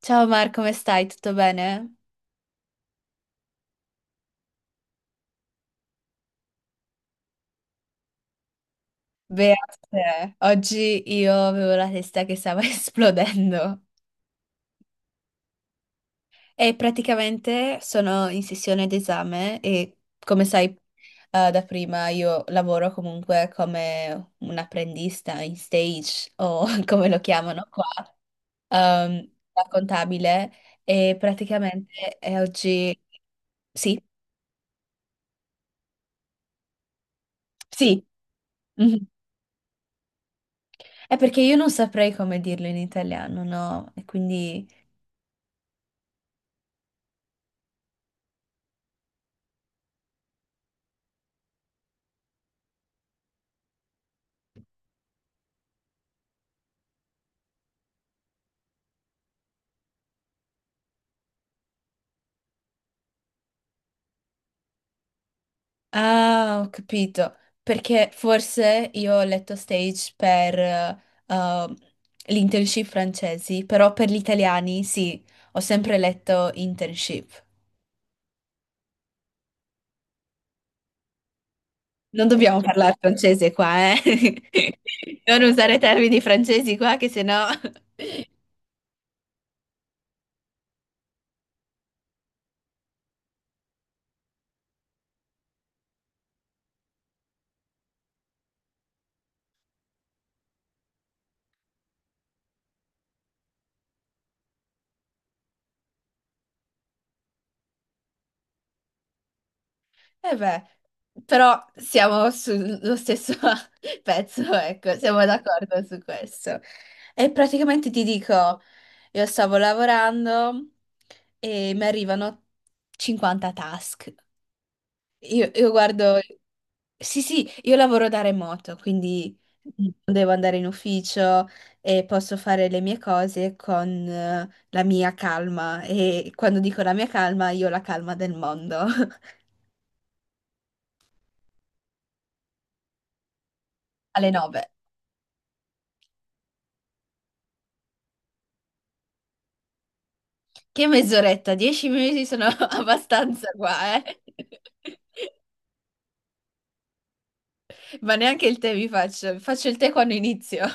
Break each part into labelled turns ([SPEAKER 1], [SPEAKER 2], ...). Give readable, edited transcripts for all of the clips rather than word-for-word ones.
[SPEAKER 1] Ciao Mar, come stai? Tutto bene? Beate, oggi io avevo la testa che stava esplodendo e praticamente sono in sessione d'esame e come sai da prima io lavoro comunque come un apprendista in stage o come lo chiamano qua, da contabile e praticamente oggi sì, sì. Mhm. È perché io non saprei come dirlo in italiano, no? E quindi... Ah, ho capito. Perché forse io ho letto stage per uh, l'internship francesi, però per gli italiani sì, ho sempre letto internship. Non dobbiamo parlare francese qua, eh? Non usare termini francesi qua, che sennò... E beh, però siamo sullo stesso pezzo, ecco, siamo d'accordo su questo. E praticamente ti dico, io stavo lavorando e mi arrivano 50 task. Io guardo, sì, sì, io lavoro da remoto, quindi non devo andare in ufficio e posso fare le mie cose con la mia calma. E quando dico la mia calma, io ho la calma del mondo alle 9. Che mezz'oretta? 10 minuti sono abbastanza qua, eh? Ma neanche il tè mi faccio. Faccio il tè quando inizio.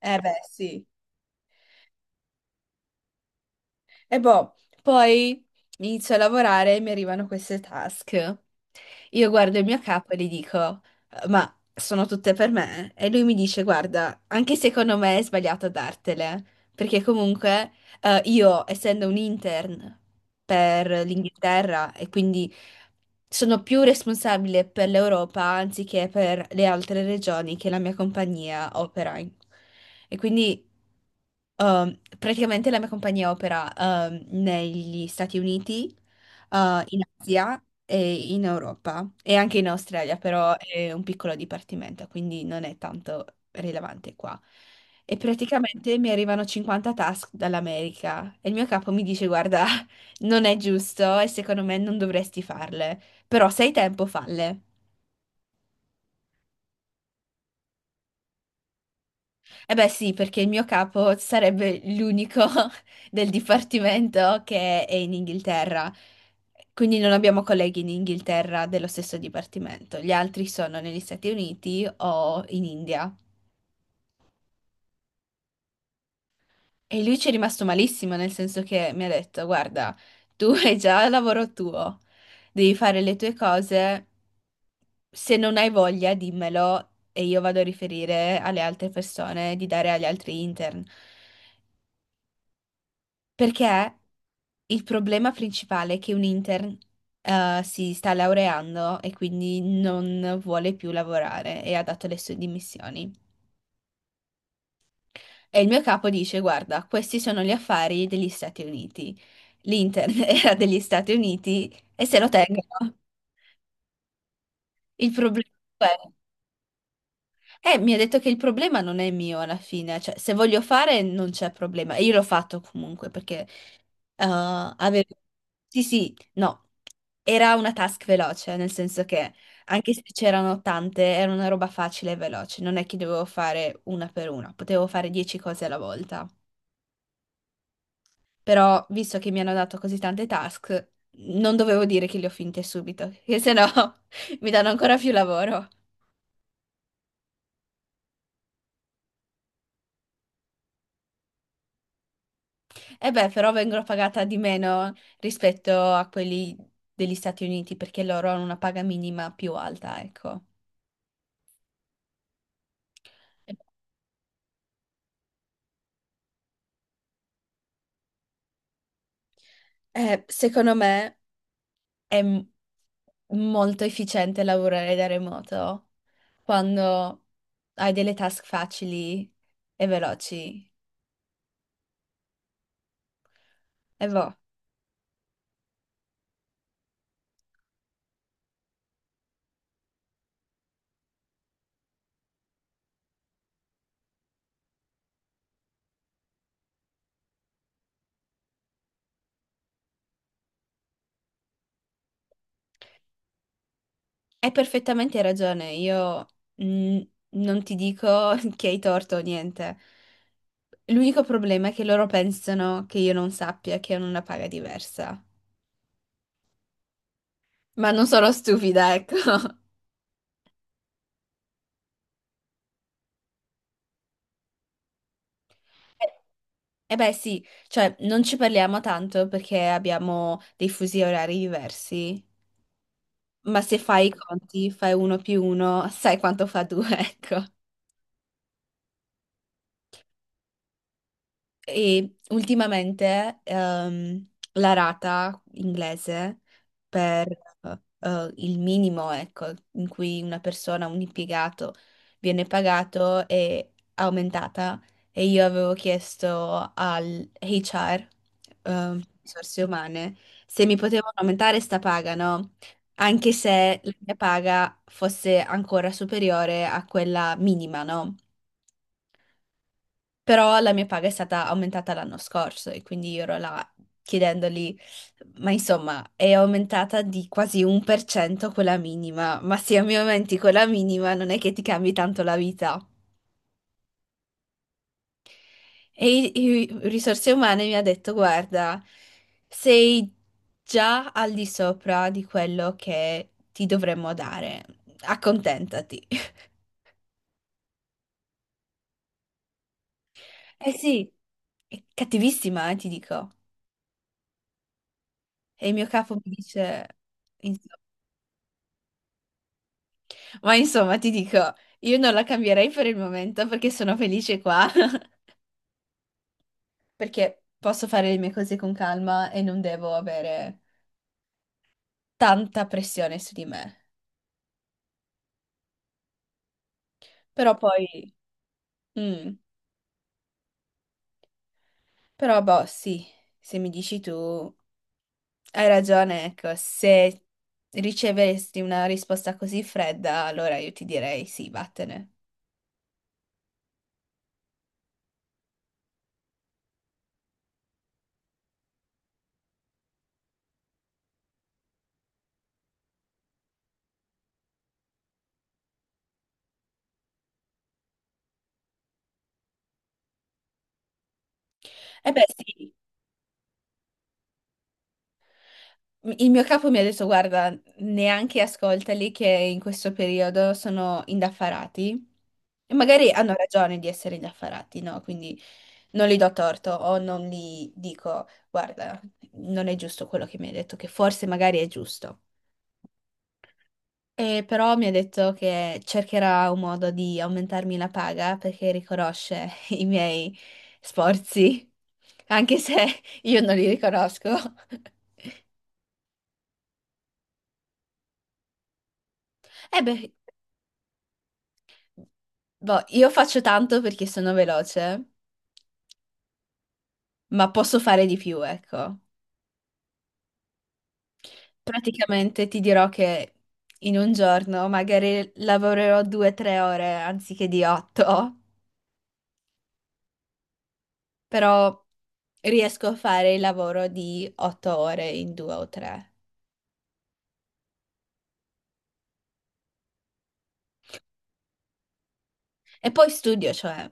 [SPEAKER 1] Eh beh, sì. E boh, poi inizio a lavorare e mi arrivano queste task. Io guardo il mio capo e gli dico, ma sono tutte per me?" E lui mi dice, guarda, anche secondo me è sbagliato dartele, perché comunque io, essendo un intern per l'Inghilterra e quindi sono più responsabile per l'Europa anziché per le altre regioni che la mia compagnia opera in. E quindi... praticamente la mia compagnia opera negli Stati Uniti, in Asia e in Europa e anche in Australia, però è un piccolo dipartimento, quindi non è tanto rilevante qua. E praticamente mi arrivano 50 task dall'America e il mio capo mi dice: guarda, non è giusto e secondo me non dovresti farle, però se hai tempo, falle. Eh beh sì, perché il mio capo sarebbe l'unico del dipartimento che è in Inghilterra, quindi non abbiamo colleghi in Inghilterra dello stesso dipartimento, gli altri sono negli Stati Uniti o in India. E lui ci è rimasto malissimo, nel senso che mi ha detto, guarda, tu hai già il lavoro tuo, devi fare le tue cose, se non hai voglia dimmelo e io vado a riferire alle altre persone di dare agli altri intern. Perché il problema principale è che un intern, si sta laureando e quindi non vuole più lavorare e ha dato le sue dimissioni. E il mio capo dice: guarda, questi sono gli affari degli Stati Uniti. L'intern era degli Stati Uniti e se lo tengono. Il problema è. Mi ha detto che il problema non è mio alla fine, cioè se voglio fare non c'è problema. E io l'ho fatto comunque, perché Uh, avevo- sì, sì, no, era una task veloce, nel senso che anche se c'erano tante, era una roba facile e veloce, non è che dovevo fare una per una, potevo fare 10 cose alla volta. Però, visto che mi hanno dato così tante task, non dovevo dire che le ho finte subito, che sennò mi danno ancora più lavoro. E beh, però vengono pagata di meno rispetto a quelli degli Stati Uniti, perché loro hanno una paga minima più alta, ecco. Secondo me è molto efficiente lavorare da remoto quando hai delle task facili e veloci. E boh, hai perfettamente ragione, io mm, non ti dico che hai torto o niente. L'unico problema è che loro pensano che io non sappia che hanno una paga diversa. Ma non sono stupida, ecco. E beh sì, cioè non ci parliamo tanto perché abbiamo dei fusi orari diversi. Ma se fai i conti, fai uno più uno, sai quanto fa due, ecco. E ultimamente la rata inglese per il minimo, ecco, in cui una persona, un impiegato viene pagato è aumentata e io avevo chiesto al HR, risorse umane, se mi potevano aumentare sta paga, no? Anche se la mia paga fosse ancora superiore a quella minima, no? Però la mia paga è stata aumentata l'anno scorso e quindi io ero là chiedendogli, ma insomma, è aumentata di quasi 1% quella minima, ma se mi aumenti quella minima non è che ti cambi tanto la vita. E risorse umane mi ha detto, guarda, sei già al di sopra di quello che ti dovremmo dare, accontentati. Eh sì, è cattivissima, ti dico. E il mio capo mi dice... Ma insomma, ti dico, io non la cambierei per il momento perché sono felice qua, perché posso fare le mie cose con calma e non devo avere tanta pressione su di me. Però poi, mm, però boh, sì, se mi dici tu, hai ragione, ecco, se riceveresti una risposta così fredda, allora io ti direi sì, vattene. E beh, sì. Il mio capo mi ha detto, guarda, neanche ascoltali che in questo periodo sono indaffarati e magari hanno ragione di essere indaffarati, no? Quindi non li do torto o non gli dico, guarda, non è giusto quello che mi hai detto, che forse magari è giusto. E però mi ha detto che cercherà un modo di aumentarmi la paga perché riconosce i miei sforzi, anche se io non li riconosco. E beh, boh, io faccio tanto perché sono veloce, ma posso fare di più, ecco. Praticamente ti dirò che in un giorno magari lavorerò 2 o 3 ore anziché di 8, però riesco a fare il lavoro di 8 ore in 2 o 3. E poi studio, cioè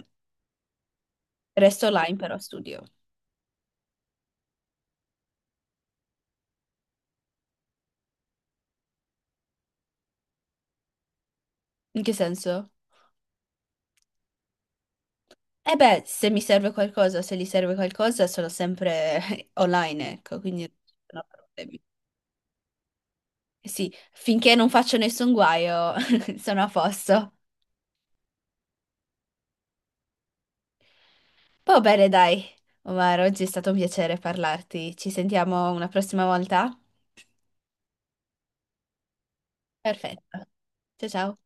[SPEAKER 1] resto online però studio. In che senso? Eh beh, se mi serve qualcosa, se gli serve qualcosa, sono sempre online, ecco, quindi non ho problemi. Eh sì, finché non faccio nessun guaio, sono a posto. Va bene, dai. Omar, oggi è stato un piacere parlarti. Ci sentiamo una prossima volta? Perfetto. Ciao ciao.